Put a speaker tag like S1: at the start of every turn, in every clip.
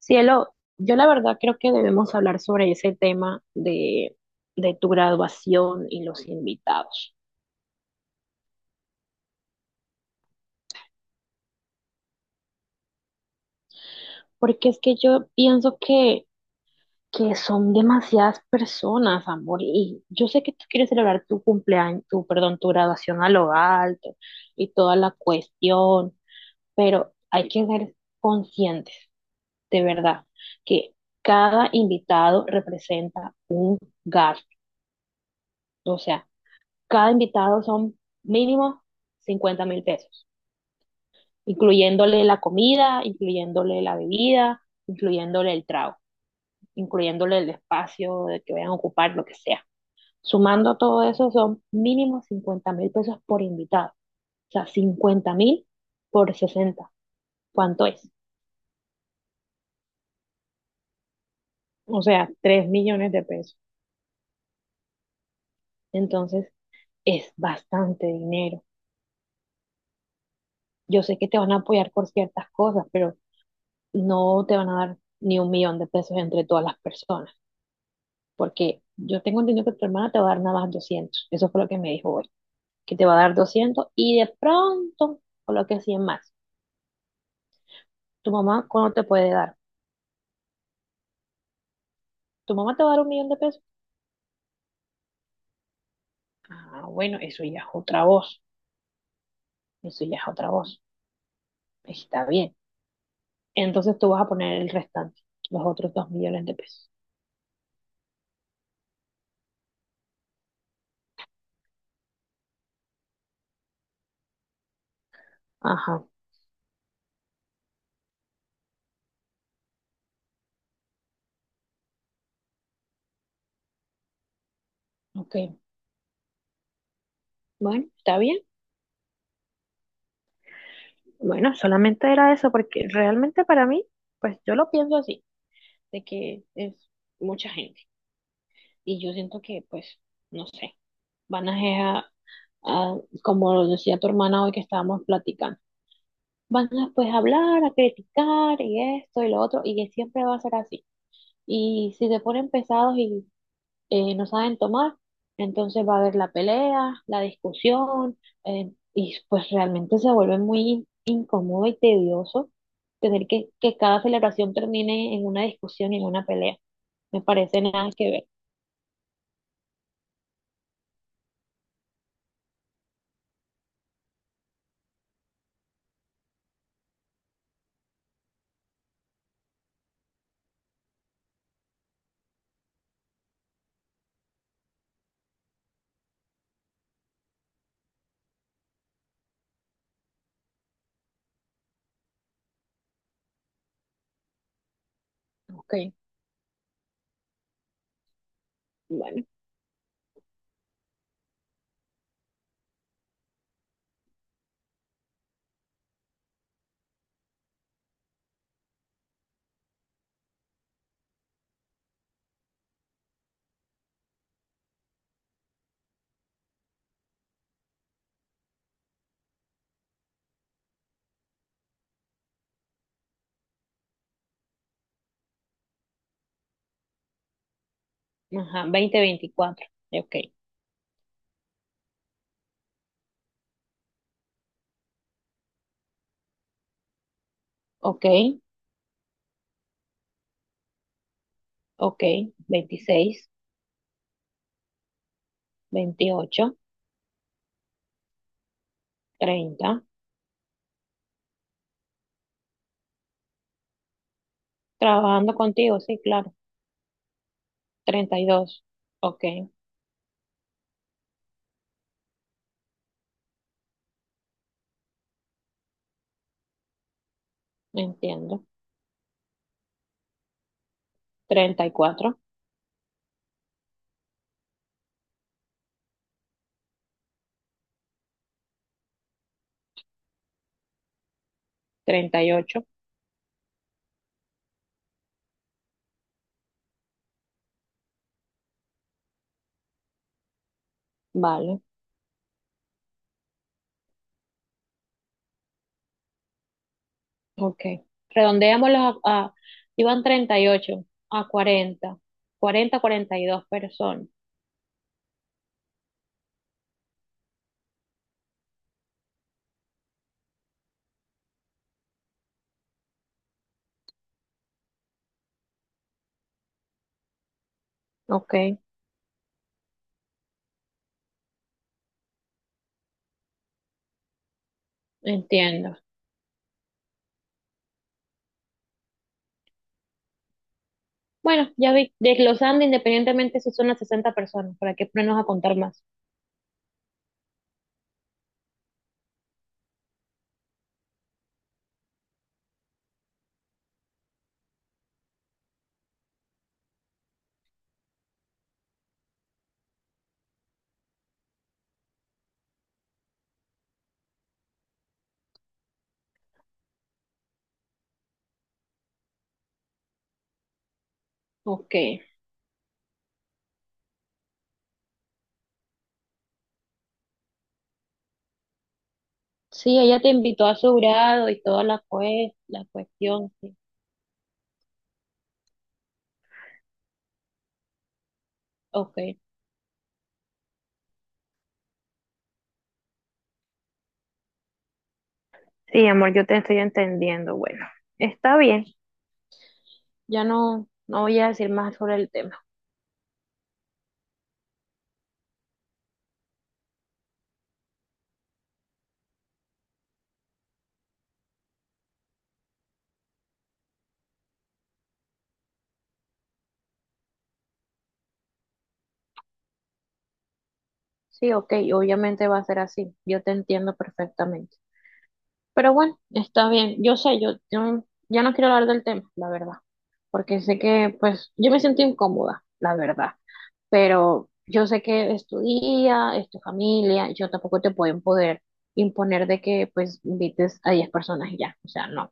S1: Cielo, yo la verdad creo que debemos hablar sobre ese tema de tu graduación y los invitados, porque es que yo pienso que son demasiadas personas, amor, y yo sé que tú quieres celebrar tu cumpleaños, perdón, tu graduación a lo alto y toda la cuestión, pero hay que ser conscientes, de verdad, que cada invitado representa gasto, o sea, cada invitado son mínimo 50.000 pesos, incluyéndole la comida, incluyéndole la bebida, incluyéndole el trago, incluyéndole el espacio de que vayan a ocupar, lo que sea. Sumando todo eso son mínimo 50.000 pesos por invitado. O sea, 50.000 por 60, ¿cuánto es? O sea, 3 millones de pesos. Entonces, es bastante dinero. Yo sé que te van a apoyar por ciertas cosas, pero no te van a dar ni un millón de pesos entre todas las personas, porque yo tengo entendido que tu hermana te va a dar nada más doscientos. Eso fue lo que me dijo hoy, que te va a dar 200 y de pronto coloque 100 más. ¿Tu mamá cuándo te puede dar? ¿Tu mamá te va a dar un millón de pesos? Ah, bueno, eso ya es otra voz, eso ya es otra voz. Está bien. Entonces tú vas a poner el restante, los otros 2 millones de pesos. Ajá, ok. Bueno, está bien. Bueno, solamente era eso, porque realmente para mí, pues yo lo pienso así, de que es mucha gente. Y yo siento que, pues, no sé, van a, como lo decía tu hermana hoy que estábamos platicando, van a pues hablar, a criticar y esto y lo otro, y que siempre va a ser así. Y si se ponen pesados y no saben tomar, entonces va a haber la pelea, la discusión, y pues realmente se vuelve muy incómodo y tedioso tener que cada celebración termine en una discusión y en una pelea. Me parece nada que ver. Ok, bueno, ajá, 20, 24 Ok, ok. Ok, 26, 28, 30. Trabajando contigo, sí, claro. 32, ok, entiendo. Treinta y cuatro. 38, vale, ok. Redondeémoslo a, iban 38, a 40. Cuarenta y dos personas. Ok, entiendo. Bueno, ya vi, desglosando independientemente si son las 60 personas, ¿para qué ponernos a contar más? Ok. Sí, ella te invitó a su grado y toda la, la cuestión. Sí. Ok, sí, amor, yo te estoy entendiendo. Bueno, está bien, ya no, no voy a decir más sobre el tema. Sí, ok, obviamente va a ser así, yo te entiendo perfectamente. Pero bueno, está bien, yo sé, yo ya no quiero hablar del tema, la verdad, porque sé que, pues, yo me siento incómoda, la verdad, pero yo sé que es tu día, es tu familia, yo tampoco te puedo imponer, imponer de que, pues, invites a 10 personas y ya, o sea, no.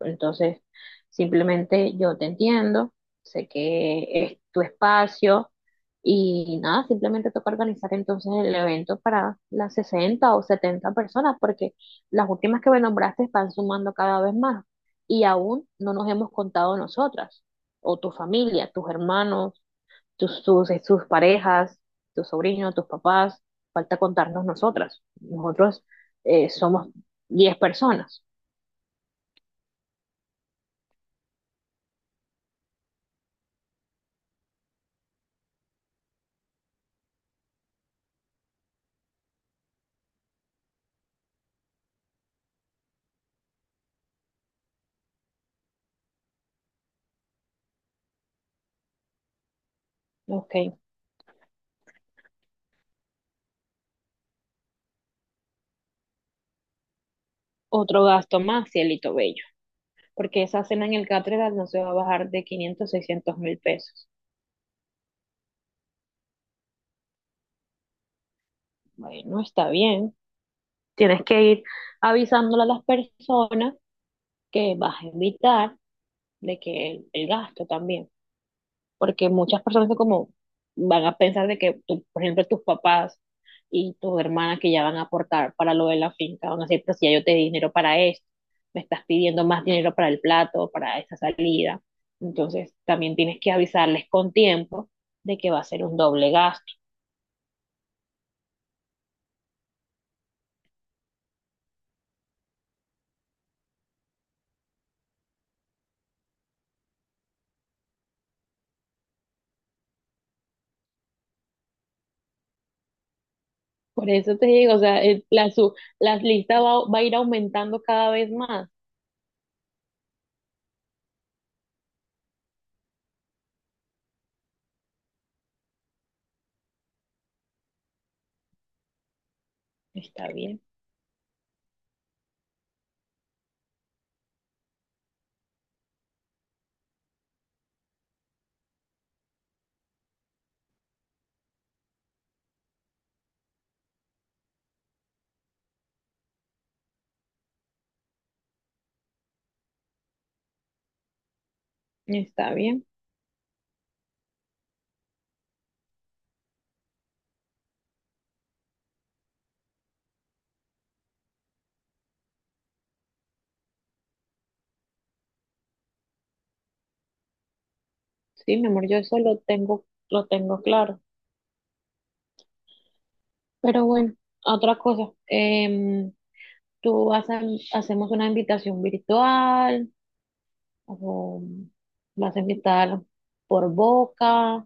S1: Entonces, simplemente yo te entiendo, sé que es tu espacio y nada, simplemente toca organizar entonces el evento para las 60 o 70 personas, porque las últimas que me nombraste están sumando cada vez más y aún no nos hemos contado nosotras, o tu familia, tus hermanos, sus parejas, tus sobrinos, tus papás, falta contarnos nosotras. Nosotros somos 10 personas. Ok. Otro gasto más, cielito bello, porque esa cena en el Catedral no se va a bajar de 500.000 o 600.000 pesos. Bueno, está bien. Tienes que ir avisándole a las personas que vas a invitar de que el gasto también, porque muchas personas son como, van a pensar de que, tú, por ejemplo, tus papás y tus hermanas que ya van a aportar para lo de la finca, van a decir, pero si ya yo te di dinero para esto, me estás pidiendo más dinero para el plato, para esa salida. Entonces, también tienes que avisarles con tiempo de que va a ser un doble gasto. Por eso te digo, o sea, la lista va a ir aumentando cada vez más. Está bien, está bien. Sí, mi amor, yo eso lo tengo claro. Pero bueno, otra cosa, tú vas a, hacemos una invitación virtual, o vas a invitar por boca,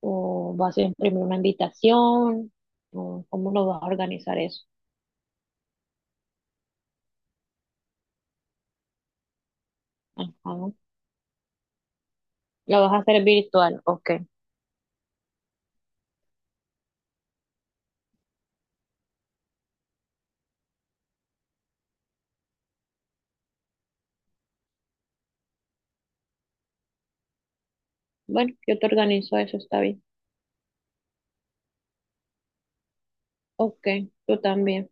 S1: o vas a imprimir una invitación, o cómo lo vas a organizar eso. Ajá. Lo vas a hacer virtual, ok. Bueno, yo te organizo eso, está bien. Ok, tú también.